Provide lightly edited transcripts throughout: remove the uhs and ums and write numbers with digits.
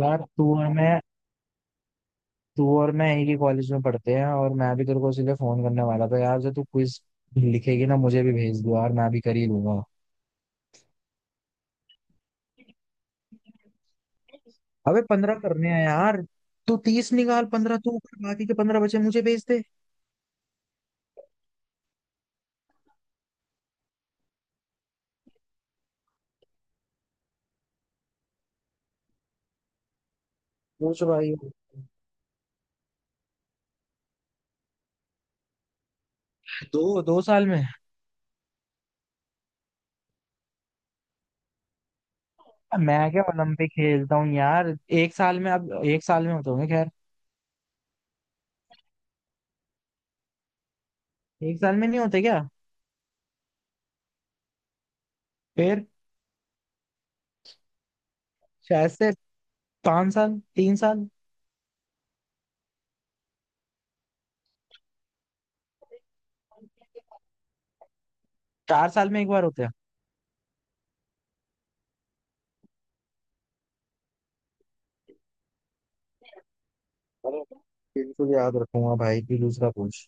यार तू और मैं एक ही कॉलेज में पढ़ते हैं और मैं भी तेरे को इसीलिए फोन करने वाला था यार। जब तू क्विज लिखेगी ना, मुझे भी भेज दो यार, मैं भी कर ही लूंगा। अबे 15 करने हैं यार। तू 30 निकाल, 15 तू कर, बाकी के 15 बचे मुझे भेज दे। पूछ भाई। दो दो साल में। मैं क्या ओलंपिक खेलता हूँ यार। एक साल में, अब एक साल में होते होंगे खैर। एक साल में नहीं होते क्या। फिर। शायद से 5 साल, 3 साल। 4 साल में एक बार होते हैं। अरे, बिल्कुल याद रखूंगा भाई, तू दूसरा पूछ।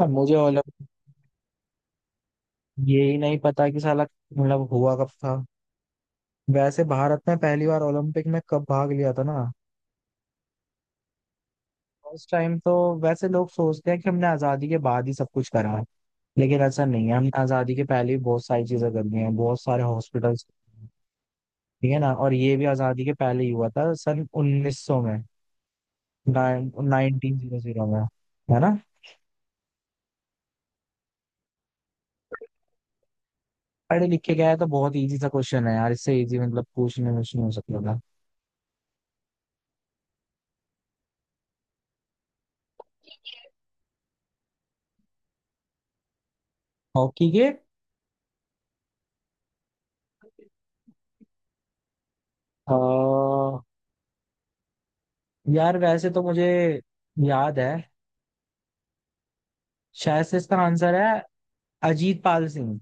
हाँ, मुझे ओलंपिक ये ही नहीं पता कि साला मतलब हुआ कब था। वैसे भारत ने पहली बार ओलंपिक में कब भाग लिया था ना। उस टाइम तो वैसे लोग सोचते हैं कि हमने आजादी के बाद ही सब कुछ करा है, लेकिन ऐसा नहीं है। हमने आजादी के पहले ही बहुत सारी चीजें कर दी हैं, बहुत सारे हॉस्पिटल्स। ठीक है ना। और ये भी आजादी के पहले ही हुआ था, सन 1900 में। नाइनटीन जीरो जीरो में। है ना। पढ़े लिखे गया है तो, बहुत इजी सा क्वेश्चन है यार, इससे इजी मतलब पूछने में नहीं हो सकता था। हॉकी के आ, यार वैसे तो मुझे याद है। शायद से इसका आंसर है अजीत पाल सिंह।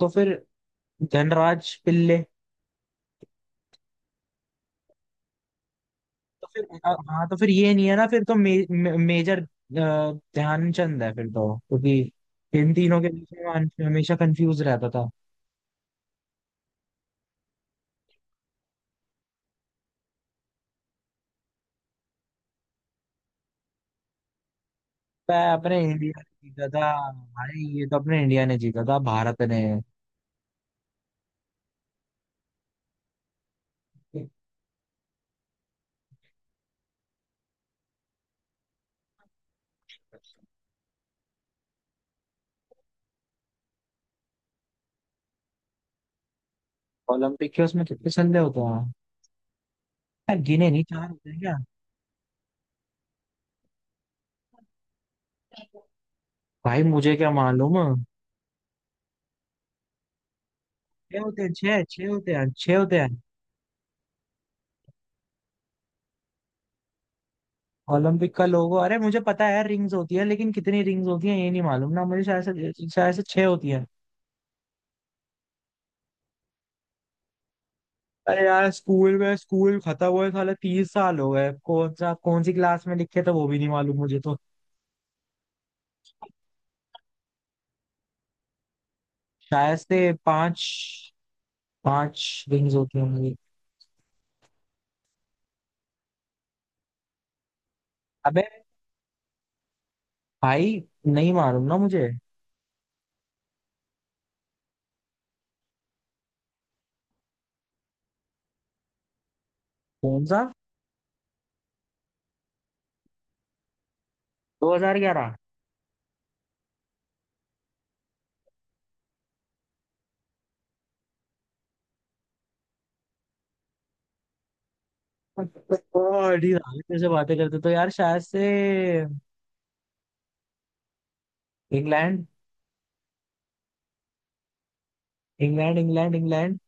तो फिर धनराज पिल्ले। तो फिर हाँ, तो फिर ये नहीं है ना। फिर तो मे, मे, मेजर ध्यानचंद है फिर तो, क्योंकि इन तीनों के बीच में मैं हमेशा कंफ्यूज रहता था। मैं, अपने इंडिया ने जीता था। भाई ये तो अपने इंडिया ने जीता था, भारत ने। ओलंपिक के, उसमें कितने संदेह होते हैं। यार, गिने नहीं, चार होते हैं क्या। भाई मुझे क्या मालूम। छह होते हैं, छह छह होते हैं, छह होते हैं। ओलंपिक का लोगो, अरे मुझे पता है रिंग्स होती है, लेकिन कितनी रिंग्स होती है ये नहीं मालूम ना मुझे। शायद से छह होती है। अरे यार, स्कूल में, स्कूल खत्म हुए साले 30 साल हो गए। कौन सी क्लास में लिखे थे वो भी नहीं मालूम मुझे तो। शायद से पांच, पांच रिंग्स होती है मुझे। अबे भाई नहीं मालूम ना मुझे। कौन सा। 2011। ओ, अड़ी, आगे से बातें करते तो यार, शायद से इंग्लैंड। England England England.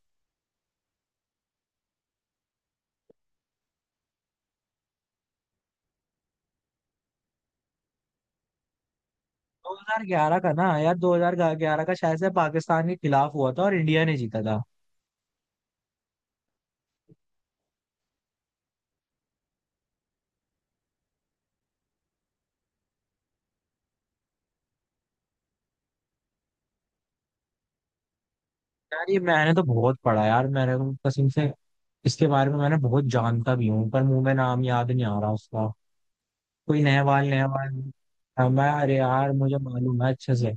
2011 का ना यार, 2011 का शायद से पाकिस्तान के खिलाफ हुआ था और इंडिया ने जीता था। यार ये मैंने तो बहुत पढ़ा यार, मैंने तो कसम से इसके बारे में मैंने बहुत जानता भी हूँ, पर मुंह में नाम याद नहीं आ रहा उसका। कोई नहवाल नहवाल। हाँ, मैं, अरे यार मुझे मालूम है अच्छे से।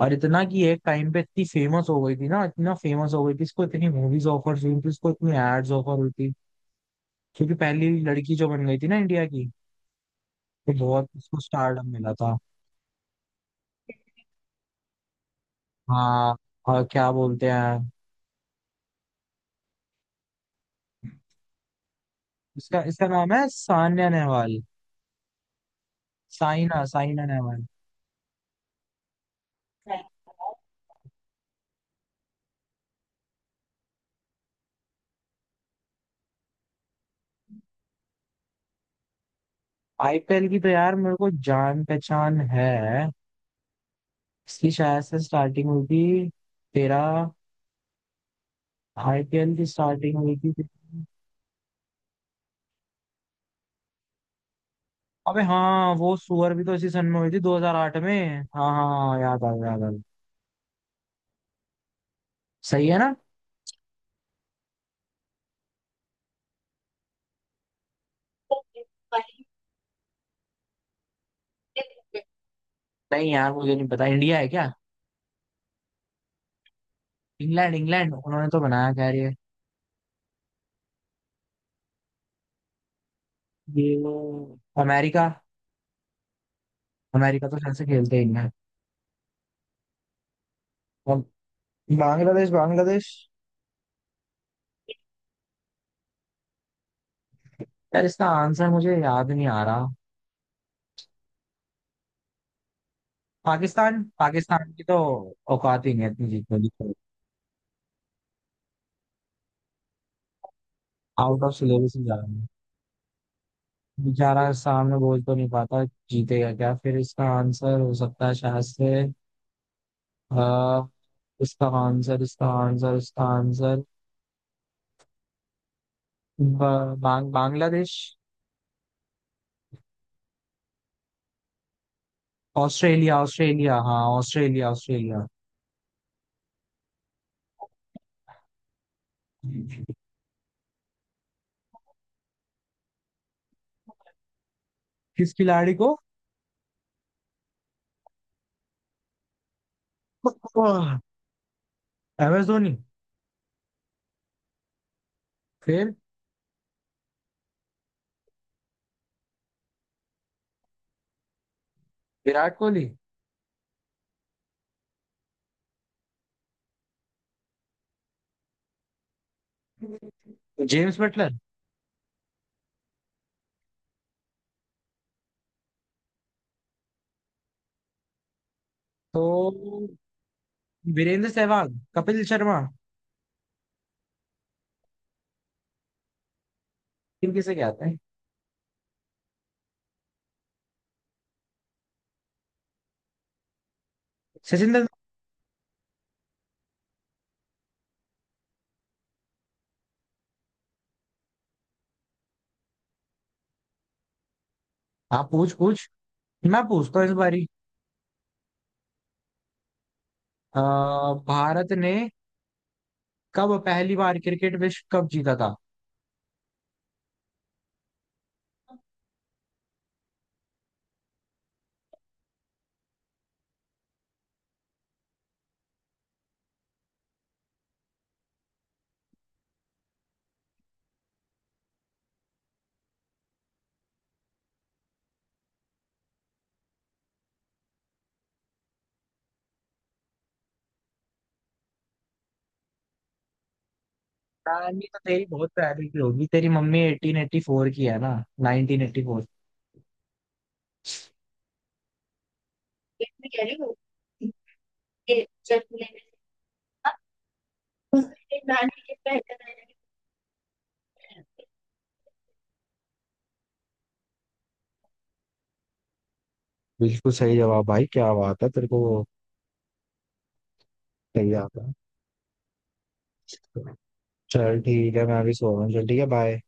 और इतना कि एक टाइम पे इतनी फेमस हो गई थी ना, इतना फेमस हो गई थी। इसको इतनी मूवीज ऑफर हुई थी, इसको इतनी एड्स ऑफर हुई थी, क्योंकि पहली लड़की जो बन गई थी ना इंडिया की। तो बहुत उसको स्टारडम मिला था। हाँ। और क्या बोलते हैं, इसका इसका नाम है सान्या नेहवाल। साइना साइना नेहवाल। आईपीएल की तो यार मेरे को जान पहचान है। इसकी शायद से स्टार्टिंग हुई थी, तेरा, आईपीएल की स्टार्टिंग हुई थी, तेरी- अबे हाँ, वो सुअर भी तो इसी सन में हुई थी, 2008 में। हाँ हाँ हाँ, याद आ गया, याद आ गया। सही है ना। नहीं यार मुझे नहीं पता, इंडिया है क्या। इंग्लैंड इंग्लैंड, उन्होंने तो बनाया खैर। ये अमेरिका। अमेरिका तो शायद से खेलते ही हैं। बांग्लादेश बांग्लादेश। यार इसका आंसर मुझे याद नहीं आ रहा। पाकिस्तान, पाकिस्तान की तो औकात ही नहीं है इतनी जीतने की। आउट ऑफ सिलेबस ही जा रहा है बेचारा, सामने बोल तो नहीं पाता। जीतेगा क्या फिर। इसका आंसर हो सकता है शायद से। अह, इसका आंसर, बांग्लादेश। ऑस्ट्रेलिया ऑस्ट्रेलिया, हाँ ऑस्ट्रेलिया ऑस्ट्रेलिया। किस खिलाड़ी को, एम एस धोनी। फिर, विराट कोहली। जेम्स बटलर, तो, वीरेंद्र सहवाग, कपिल शर्मा, इन किसे कहते हैं। सचिन तेंदुलकर। आप पूछ पूछ, मैं पूछता हूँ इस बारी। अ, भारत ने कब पहली बार क्रिकेट विश्व कप जीता था। कहानी तो तेरी बहुत पहले की होगी, तेरी मम्मी 1884 की है ना। 1984। बिल्कुल सही जवाब, भाई क्या बात है तेरे को। सही आता है। चल ठीक है, मैं अभी सो रहा हूँ। चल ठीक है, बाय।